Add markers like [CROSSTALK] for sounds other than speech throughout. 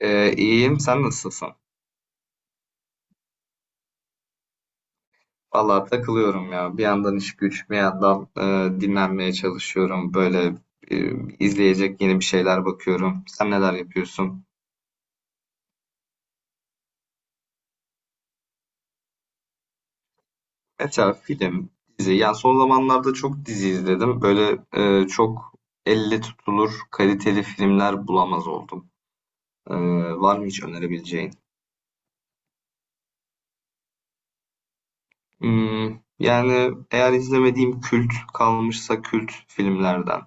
İyiyim. Sen nasılsın? Vallahi takılıyorum ya. Bir yandan iş güç, bir yandan dinlenmeye çalışıyorum. Böyle e, izleyecek yeni bir şeyler bakıyorum. Sen neler yapıyorsun? Mesela film, dizi. Yani son zamanlarda çok dizi izledim. Böyle çok elle tutulur, kaliteli filmler bulamaz oldum. Ee, Var mı hiç önerebileceğin? Hmm, Yani eğer izlemediğim kült kalmışsa kült filmlerden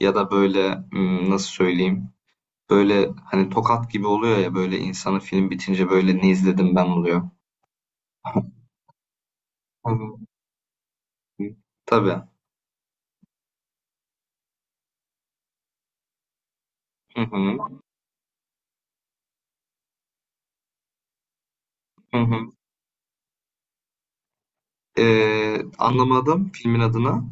ya da böyle nasıl söyleyeyim? Böyle hani tokat gibi oluyor ya, böyle insanı film bitince böyle ne izledim ben oluyor. [LAUGHS] Hı hı. Tabii. Hı hı. Hı hı. Anlamadım filmin adını.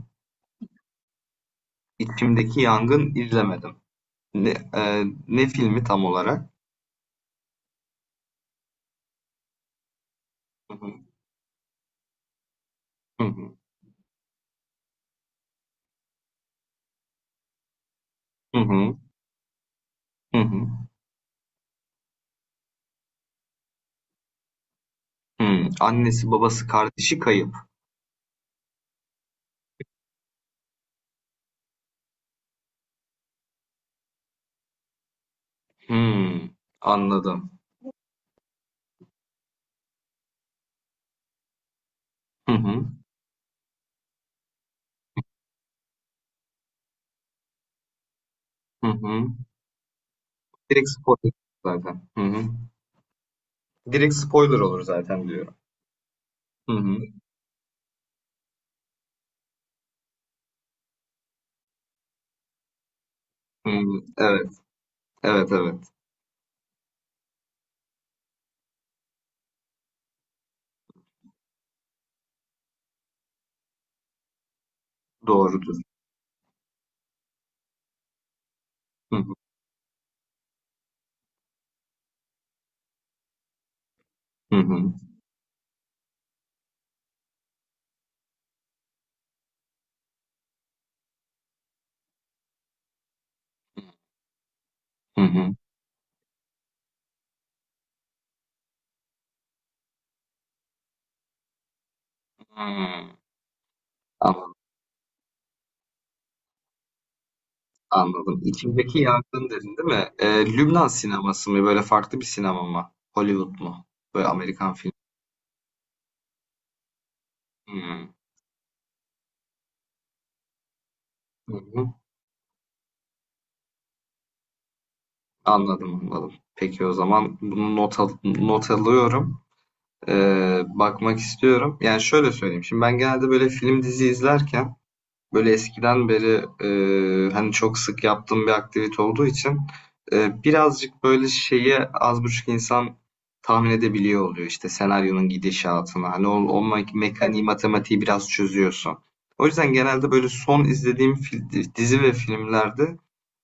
İçimdeki Yangın izlemedim. Ne filmi tam olarak? Hı hı. Hı hı. Hı hı. Hı hı. Hı. Annesi babası kardeşi kayıp. Hı. Anladım. Hı hı. Hı hı. Direkt spoiler zaten. Hı hı. Direkt spoiler olur zaten diyorum. Hı hı. Hı hı. Evet. Evet, evet. Doğrudur. Hı hı. Hı hı. Hı hı. Hıı. Anladım, anladım. İçimdeki Yangın dedin, değil mi? Lübnan sineması mı? Böyle farklı bir sinema mı? Hollywood mu? Böyle Amerikan filmi. Hıı. Hı hı. Anladım, anladım. Peki o zaman bunu not alıyorum. Bakmak istiyorum. Yani şöyle söyleyeyim. Şimdi ben genelde böyle film dizi izlerken, böyle eskiden beri hani çok sık yaptığım bir aktivite olduğu için birazcık böyle şeyi az buçuk insan tahmin edebiliyor oluyor. İşte senaryonun gidişatını, hani o mekaniği, evet, matematiği biraz çözüyorsun. O yüzden genelde böyle son izlediğim dizi ve filmlerde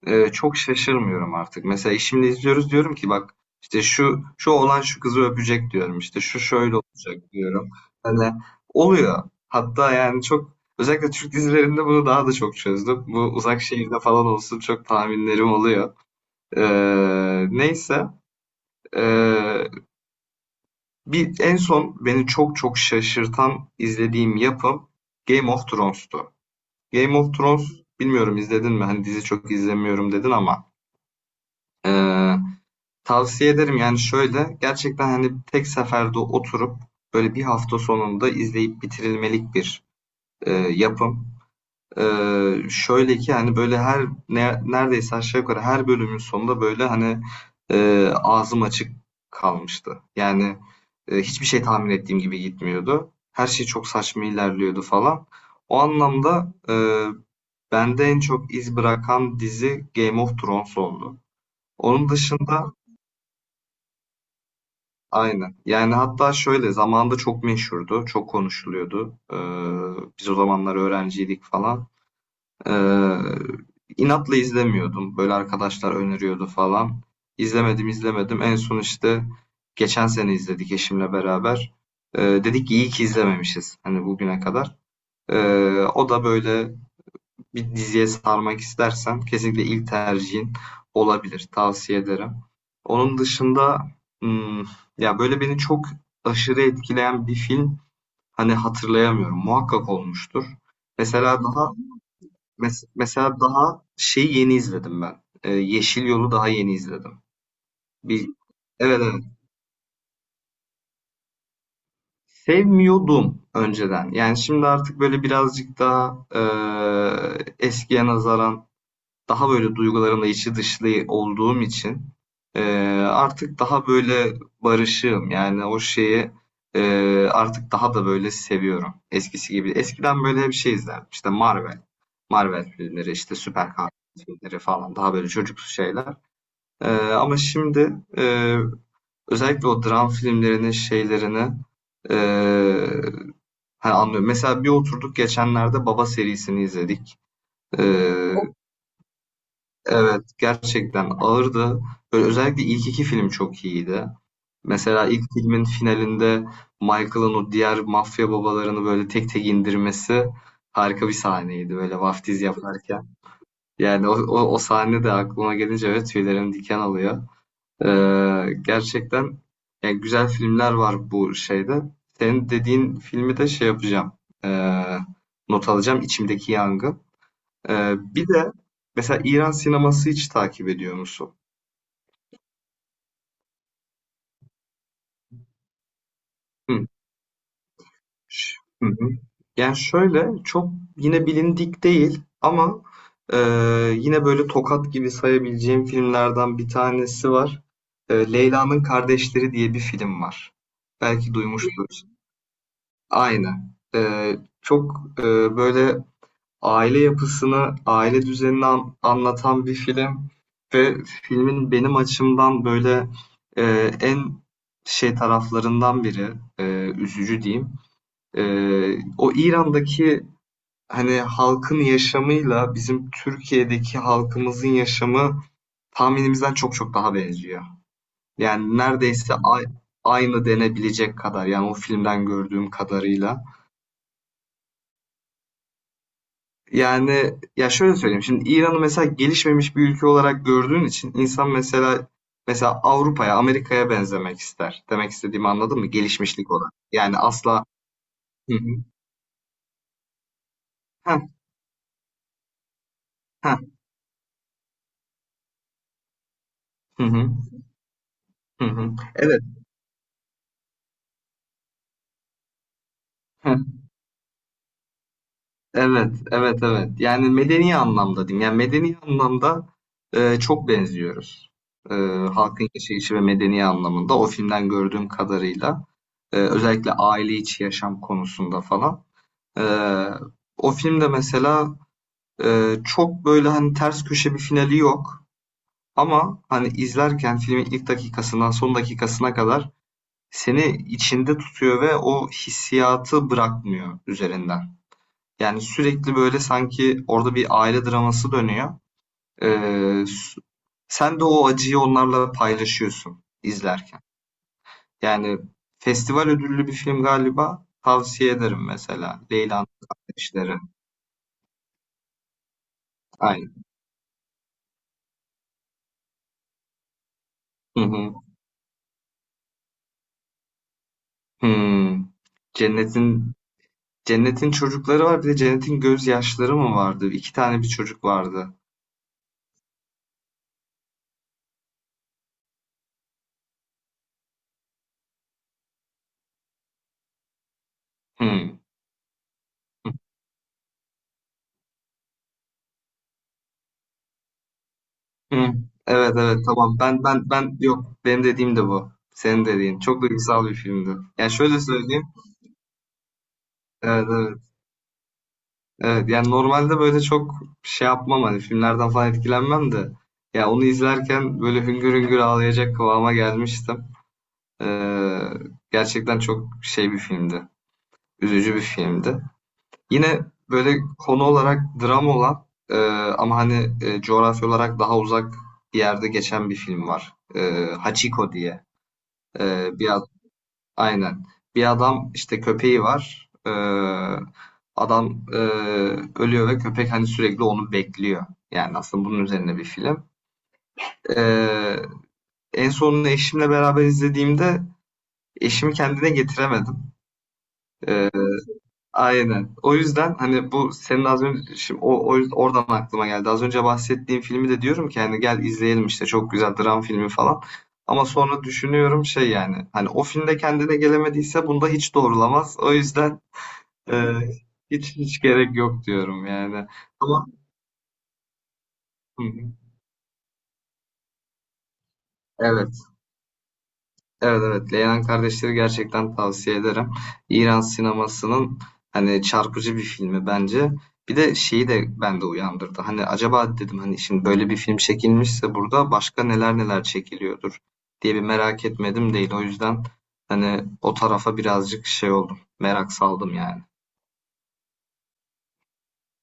Çok şaşırmıyorum artık. Mesela eşimle izliyoruz, diyorum ki bak, işte şu şu oğlan şu kızı öpecek diyorum. İşte şu şöyle olacak diyorum. Hani oluyor. Hatta yani çok, özellikle Türk dizilerinde bunu daha da çok çözdüm. Bu Uzak Şehirde falan olsun, çok tahminlerim oluyor. Neyse. Eee, bir en son beni çok çok şaşırtan izlediğim yapım Game of Thrones'tu. Game of Thrones bilmiyorum izledin mi? Hani dizi çok izlemiyorum dedin ama. Ee, Tavsiye ederim. Yani şöyle, gerçekten hani tek seferde oturup böyle bir hafta sonunda izleyip bitirilmelik bir yapım. E, Şöyle ki hani böyle her neredeyse aşağı yukarı her bölümün sonunda böyle hani ağzım açık kalmıştı. Yani hiçbir şey tahmin ettiğim gibi gitmiyordu. Her şey çok saçma ilerliyordu falan. O anlamda bende en çok iz bırakan dizi Game of Thrones oldu. Onun dışında. Aynen. Yani hatta şöyle zamanda çok meşhurdu, çok konuşuluyordu. Biz o zamanlar öğrenciydik falan. Ee, inatla izlemiyordum. Böyle arkadaşlar öneriyordu falan. İzlemedim, izlemedim. En son işte geçen sene izledik eşimle beraber. Dedik ki iyi ki izlememişiz hani bugüne kadar. O da böyle bir diziye sarmak istersen kesinlikle ilk tercihin olabilir. Tavsiye ederim. Onun dışında hmm, ya böyle beni çok aşırı etkileyen bir film hani hatırlayamıyorum. Muhakkak olmuştur. Mesela daha mesela daha şey yeni izledim ben. Yeşil Yol'u daha yeni izledim. Bir evet, evet. Sevmiyordum önceden. Yani şimdi artık böyle birazcık daha eskiye nazaran daha böyle duygularımla içi dışlı olduğum için e, artık daha böyle barışığım. Yani o şeyi e, artık daha da böyle seviyorum. Eskisi gibi. Eskiden böyle hep şey izlerdim. İşte Marvel. Marvel filmleri işte süper kahraman filmleri falan, daha böyle çocuksu şeyler. Ama şimdi özellikle o dram filmlerinin şeylerini e, hani anlıyorum. Mesela bir oturduk, geçenlerde Baba serisini izledik. E, Evet, gerçekten ağırdı. Böyle özellikle ilk iki film çok iyiydi. Mesela ilk filmin finalinde Michael'ın o diğer mafya babalarını böyle tek tek indirmesi harika bir sahneydi, böyle vaftiz yaparken. Yani o sahne de aklıma gelince, evet, tüylerim diken alıyor. Gerçekten yani güzel filmler var bu şeyde. Senin dediğin filmi de şey yapacağım, ee, not alacağım, içimdeki yangın. Bir de mesela İran sineması hiç takip ediyor musun? Hı. Hı hı. Yani şöyle, çok yine bilindik değil ama yine böyle tokat gibi sayabileceğim filmlerden bir tanesi var. Leyla'nın Kardeşleri diye bir film var. Belki duymuştur. Aynen. Çok, böyle aile yapısını, aile düzenini anlatan bir film, ve filmin benim açımdan böyle, en şey taraflarından biri, eee, üzücü diyeyim, o İran'daki hani halkın yaşamıyla bizim Türkiye'deki halkımızın yaşamı tahminimizden çok çok daha benziyor. Yani neredeyse aynı denebilecek kadar, yani o filmden gördüğüm kadarıyla. Yani ya şöyle söyleyeyim, şimdi İran'ı mesela gelişmemiş bir ülke olarak gördüğün için insan mesela, Avrupa'ya, Amerika'ya benzemek ister. Demek istediğimi anladın mı? Gelişmişlik olarak. Yani asla. Hı hı. Heh, heh, hı hı, hı hı. Evet. Evet, evet, evet. Yani medeni anlamda diyeyim. Yani medeni anlamda çok benziyoruz. E, Halkın yaşayışı ve medeni anlamında o filmden gördüğüm kadarıyla özellikle aile içi yaşam konusunda falan. E, O filmde mesela çok böyle hani ters köşe bir finali yok. Ama hani izlerken filmin ilk dakikasından son dakikasına kadar seni içinde tutuyor ve o hissiyatı bırakmıyor üzerinden. Yani sürekli böyle sanki orada bir aile draması dönüyor. Ee, Sen de o acıyı onlarla paylaşıyorsun izlerken. Yani festival ödüllü bir film galiba. Tavsiye ederim mesela. Leyla'nın Kardeşleri. Aynen. Hı hı. Hmm. Cennetin Cennetin çocukları var. Bir de Cennet'in Gözyaşları mı vardı? İki tane bir çocuk vardı. Hmm. Hı. Evet, evet, tamam. Ben yok. Benim dediğim de bu. Senin dediğin. Çok duygusal bir filmdi. Yani şöyle söyleyeyim. Evet, evet. Evet, yani normalde böyle çok şey yapmam, hani filmlerden falan etkilenmem, de ya onu izlerken böyle hüngür hüngür ağlayacak kıvama gelmiştim. Ee, Gerçekten çok şey bir filmdi. Üzücü bir filmdi. Yine böyle konu olarak dram olan, ama hani coğrafya olarak daha uzak bir yerde geçen bir film var. Hachiko diye. Bir Aynen. Bir adam, işte köpeği var. Adam ölüyor ve köpek hani sürekli onu bekliyor. Yani aslında bunun üzerine bir film. Ee, En sonunu eşimle beraber izlediğimde eşimi kendine getiremedim. Ee, aynen. O yüzden hani bu senin az önce, şimdi o yüzden oradan aklıma geldi. Az önce bahsettiğim filmi de diyorum ki hani gel izleyelim, işte çok güzel dram filmi falan. Ama sonra düşünüyorum şey, yani hani o filmde kendine gelemediyse bunda hiç doğrulamaz. O yüzden Eee, hiç hiç gerek yok diyorum yani. Ama. Hı hı. Evet, evet, evet. Leylan Kardeşleri gerçekten tavsiye ederim. İran sinemasının hani çarpıcı bir filmi bence. Bir de şeyi de bende uyandırdı. Hani acaba dedim, hani şimdi böyle bir film çekilmişse burada başka neler neler çekiliyordur diye bir merak etmedim değil. O yüzden hani o tarafa birazcık şey oldum. Merak saldım yani.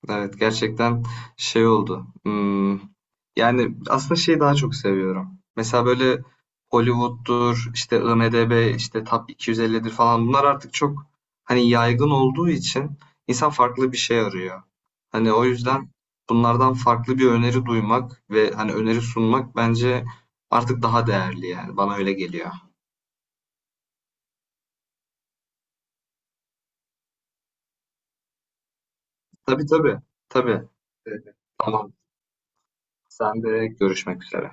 Evet, gerçekten şey oldu. Yani aslında şeyi daha çok seviyorum. Mesela böyle Hollywood'dur, işte IMDb, işte Top 250'dir falan, bunlar artık çok hani yaygın olduğu için insan farklı bir şey arıyor. Hani o yüzden bunlardan farklı bir öneri duymak ve hani öneri sunmak bence artık daha değerli yani. Bana öyle geliyor. Tabii, tabii. Tabii. Evet. Tamam. Sen de görüşmek üzere.